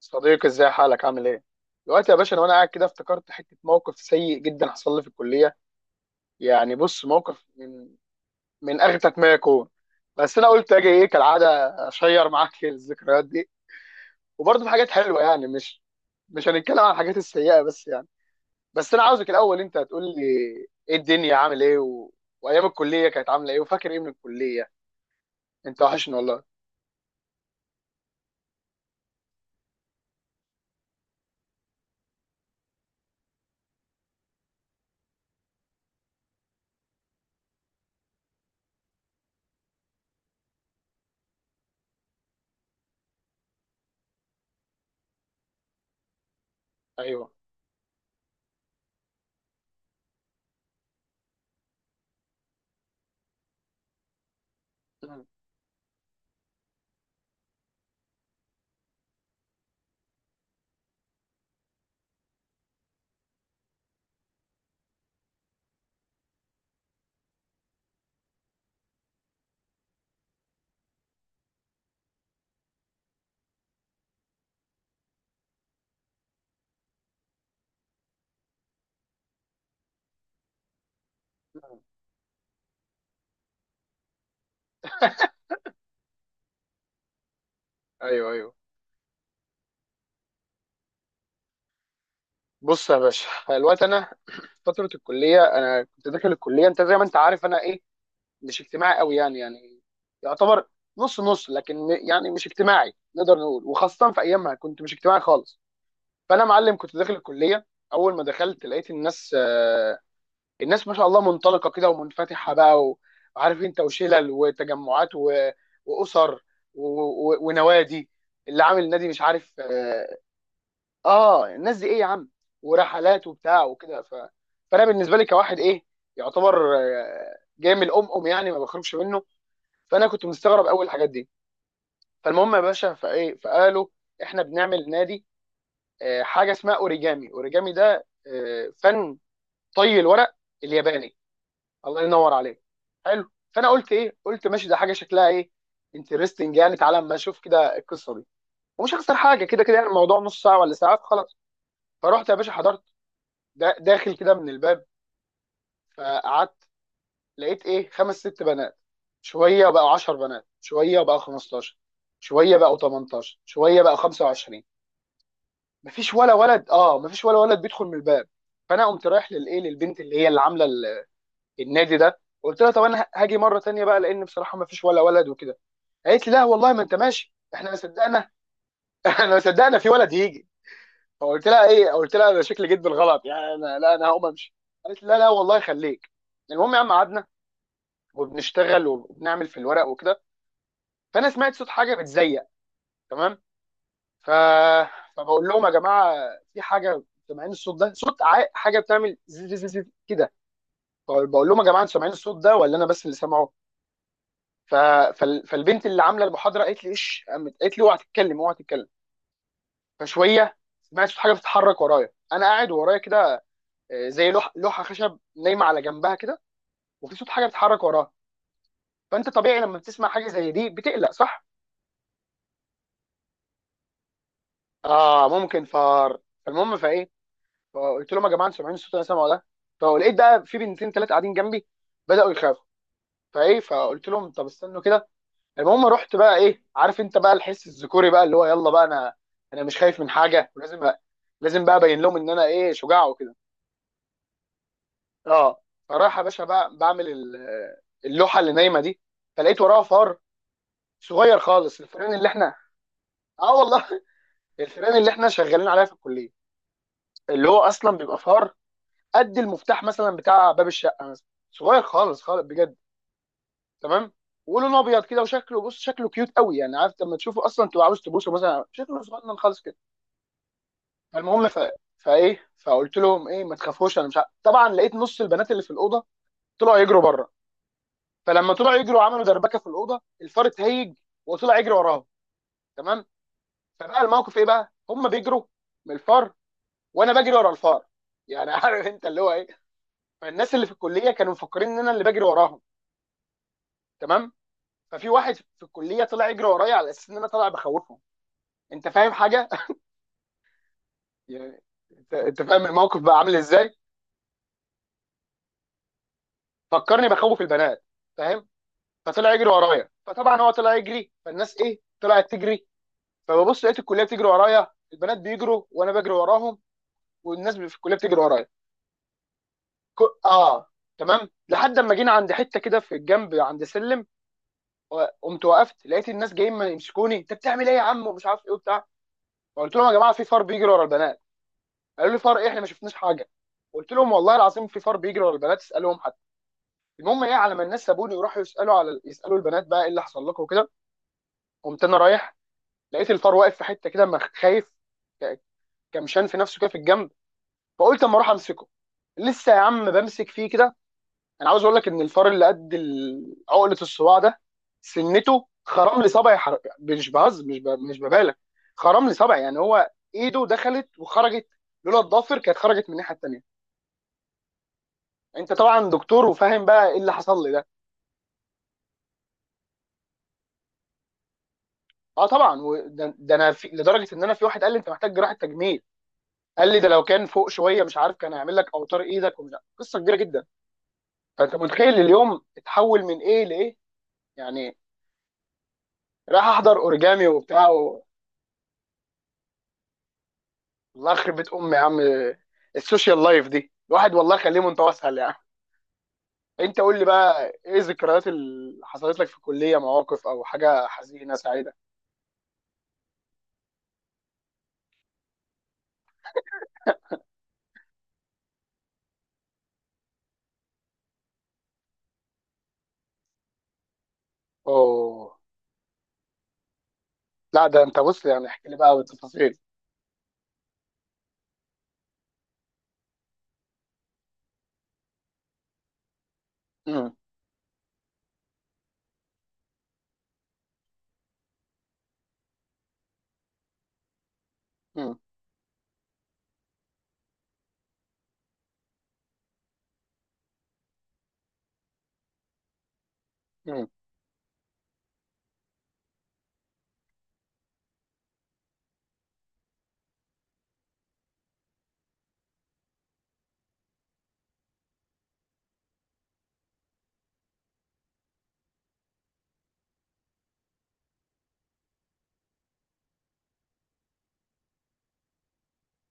صديقي، ازاي حالك؟ عامل ايه؟ دلوقتي يا باشا، انا وانا قاعد كده افتكرت حته موقف سيء جدا حصل لي في الكليه. يعني بص، موقف من اغتك ما يكون. بس انا قلت اجي ايه كالعاده، اشير معاك الذكريات دي. وبرضه في حاجات حلوه، يعني مش هنتكلم عن الحاجات السيئه بس يعني. بس انا عاوزك الاول انت هتقول لي ايه الدنيا، عامل ايه، وايام الكليه كانت عامله ايه، وفاكر ايه من الكليه؟ انت وحشني والله. ايوه ايوه، ايوه. بص يا باشا، الوقت انا فتره الكليه، انا كنت داخل الكليه، انت زي ما انت عارف انا ايه، مش اجتماعي قوي، يعني يعتبر نص نص، لكن يعني مش اجتماعي نقدر نقول. وخاصه في ايامها كنت مش اجتماعي خالص. فانا معلم كنت داخل الكليه، اول ما دخلت لقيت الناس، الناس ما شاء الله منطلقه كده ومنفتحه بقى، وعارف انت، وشلل وتجمعات واسر ونوادي، اللي عامل نادي مش عارف، اه الناس دي ايه يا عم، ورحلات وبتاع وكده. فانا بالنسبه لي كواحد ايه، يعتبر جاي من الام، ام يعني ما بخرجش منه، فانا كنت مستغرب اول الحاجات دي. فالمهم يا باشا، فايه، فقالوا احنا بنعمل نادي، حاجه اسمها اوريجامي. اوريجامي ده فن طي الورق الياباني. الله ينور عليك. حلو. فانا قلت ايه، قلت ماشي، ده حاجه شكلها ايه، انترستنج يعني، تعالى اما اشوف كده القصه دي. ومش هخسر حاجه كده كده، يعني الموضوع نص ساعه ولا ساعه، خلاص. فرحت يا باشا، حضرت، داخل كده من الباب. فقعدت، لقيت ايه، خمس ست بنات، شويه بقوا 10 بنات، شويه بقوا 15، شويه بقوا 18، شويه بقوا 25. مفيش ولا ولد. اه مفيش ولا ولد بيدخل من الباب. فانا قمت رايح للايه، للبنت اللي هي اللي عامله النادي ده، قلت لها طب انا هاجي مره تانية بقى، لان بصراحه مفيش ولا ولد وكده. قالت لي لا والله، ما انت ماشي، احنا ما صدقنا. احنا ما صدقنا في ولد يجي. فقلت لها ايه، قلت لها انا شكلي جيت بالغلط يعني، انا لا، انا هقوم امشي. قالت لي لا لا والله خليك. المهم يا عم قعدنا، وبنشتغل وبنعمل في الورق وكده. فانا سمعت صوت حاجه بتزيق، تمام. ف... فبقول لهم يا جماعه، في حاجه، سامعين الصوت ده؟ صوت حاجه بتعمل زي زي زي زي كده. بقول لهم يا جماعه، انتوا سامعين الصوت ده، ولا انا بس اللي سامعه؟ ف... فالبنت اللي عامله المحاضره قالت لي ايش، قامت قالت لي اوعى تتكلم، اوعى تتكلم. فشويه سمعت صوت حاجه بتتحرك ورايا، انا قاعد ورايا كده زي لوحه خشب نايمه على جنبها كده، وفي صوت حاجه بتتحرك وراها. فانت طبيعي لما بتسمع حاجه زي دي بتقلق، صح. اه ممكن فار. المهم فايه، فقلت لهم يا جماعه، انتوا سامعين الصوت اللي انا سامعه ده؟ فلقيت بقى في بنتين ثلاثه قاعدين جنبي بداوا يخافوا. فايه، فقلت لهم طب استنوا كده. المهم رحت بقى ايه، عارف انت بقى الحس الذكوري بقى، اللي هو يلا بقى، انا مش خايف من حاجه، ولازم بقى، لازم بقى ابين لهم ان انا ايه، شجاع وكده. اه. فراح يا باشا بقى، بعمل اللوحه اللي نايمه دي، فلقيت وراها فار صغير خالص. الفيران اللي احنا، اه والله. الفيران اللي احنا شغالين عليها في الكليه، اللي هو اصلا بيبقى فار قد المفتاح مثلا بتاع باب الشقه مثلا، صغير خالص خالص بجد، تمام. ولونه ابيض كده، وشكله بص شكله كيوت قوي يعني، عارف لما تشوفه اصلا تبقى عاوز تبوسه مثلا، شكله صغنن خالص كده. المهم فايه، فقلت لهم ايه، ما تخافوش انا مش عارف. طبعا لقيت نص البنات اللي في الاوضه طلعوا يجروا بره. فلما طلعوا يجروا عملوا دربكه في الاوضه، الفار اتهيج وطلع يجري وراهم، تمام. فبقى الموقف ايه بقى، هم بيجروا من الفار، وانا بجري ورا الفار، يعني عارف انت اللي هو ايه. فالناس اللي في الكليه كانوا مفكرين ان انا اللي بجري وراهم، تمام. ففي واحد في الكليه طلع يجري ورايا، على اساس ان انا طالع بخوفهم، انت فاهم حاجه. يعني انت، انت فاهم الموقف بقى عامل ازاي. فكرني بخوف البنات، فاهم. فطلع يجري ورايا، فطبعا هو طلع يجري فالناس ايه طلعت تجري. فببص لقيت الكليه بتجري ورايا، البنات بيجروا وانا بجري وراهم، والناس في الكليه بتجري ورايا. اه، تمام. لحد اما جينا عند حته كده في الجنب عند سلم، قمت وقفت، لقيت الناس جايين ما يمسكوني، انت بتعمل ايه يا عم، ومش عارف ايه، وبتاع. فقلت لهم يا جماعه، في فار بيجري ورا البنات. قالوا لي فار ايه، احنا ما شفناش حاجه. قلت لهم والله العظيم في فار بيجري ورا البنات، اسالهم حد. المهم ايه، على ما الناس سابوني وراحوا يسالوا على يسالوا البنات بقى ايه اللي حصل لكم وكده، قمت انا رايح لقيت الفار واقف في حته كده خايف، ك- كمشان في نفسه كده في الجنب. فقلت اما اروح امسكه. لسه يا عم بمسك فيه كده، انا عاوز اقول لك ان الفار اللي قد عقله الصباع ده، سنته خرم لي صبعي. مش بهز، مش ببالغ، خرم لي صبعي، يعني هو ايده دخلت وخرجت، لولا الضافر كانت خرجت من الناحيه التانيه. انت طبعا دكتور وفاهم بقى ايه اللي حصل لي ده. اه طبعا. ده انا في، لدرجه ان انا في واحد قال لي انت محتاج جراحه تجميل، قال لي ده لو كان فوق شويه مش عارف كان هيعمل لك اوتار ايدك، ومش عارف. قصه كبيره جدا. فانت متخيل اليوم اتحول من ايه لايه، يعني رايح احضر اوريجامي وبتاع الله يخرب بيت امي يا عم. السوشيال لايف دي الواحد والله خليه متوسهل يعني. انت قول لي بقى ايه الذكريات اللي حصلت لك في الكليه، مواقف او حاجه حزينه سعيده. اوه. لا ده انت بص، يعني احكي لي بقى بالتفاصيل. مم. مم. مم.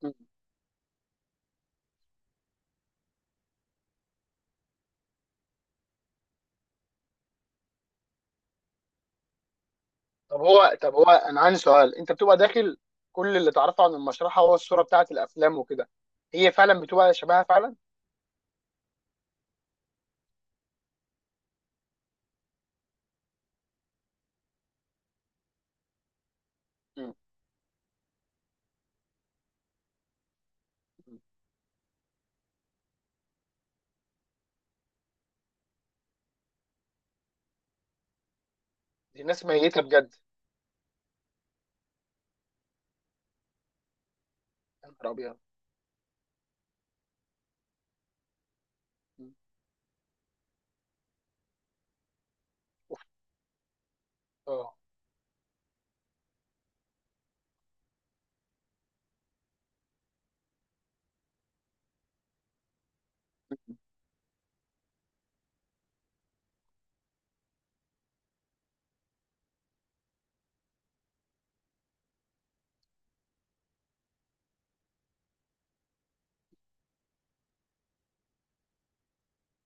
مم. طب هو، انا عندي سؤال، انت بتبقى داخل، كل اللي تعرفه عن المشرحه هو الصوره بتاعت الافلام وكده، هي فعلا بتبقى شبهها فعلا؟ مم. مم. دي ناس ميته بجد. يا نهار ابيض. مم. اه.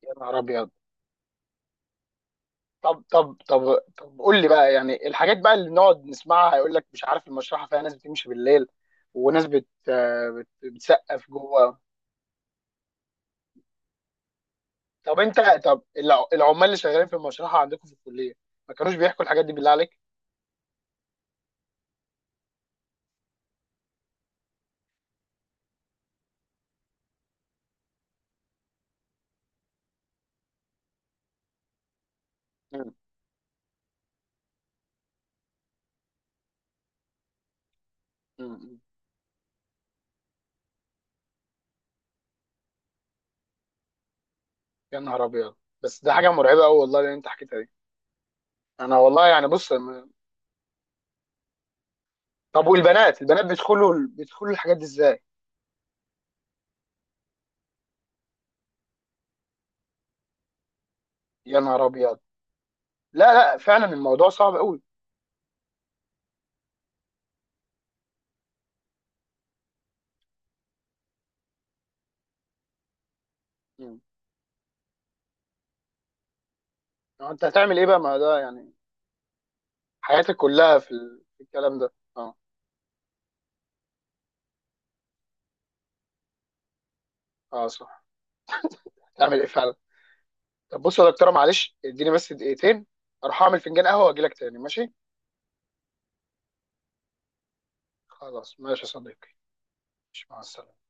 يا نهار ابيض. طب قول لي بقى، يعني الحاجات بقى اللي نقعد نسمعها، هيقول لك مش عارف المشرحه فيها ناس بتمشي بالليل، وناس بت بتسقف جوه. طب انت، طب العمال اللي شغالين في المشرحه عندكم في الكليه ما كانوش بيحكوا الحاجات دي بالله عليك؟ مم. مم. يا نهار ابيض. بس ده حاجه مرعبه قوي والله اللي انت حكيتها دي. انا والله يعني بص طب والبنات، البنات بيدخلوا الحاجات دي ازاي؟ يا نهار ابيض. لا لا فعلا الموضوع صعب قوي. مم. انت هتعمل ايه بقى، ما ده يعني حياتك كلها في في الكلام ده، اه. اه صح، هتعمل ايه فعلا. طب بص يا دكتوره، معلش اديني بس دقيقتين اروح اعمل فنجان قهوه واجي لك تاني، ماشي؟ خلاص، ماشي يا صديقي. ماشي، مع السلامه.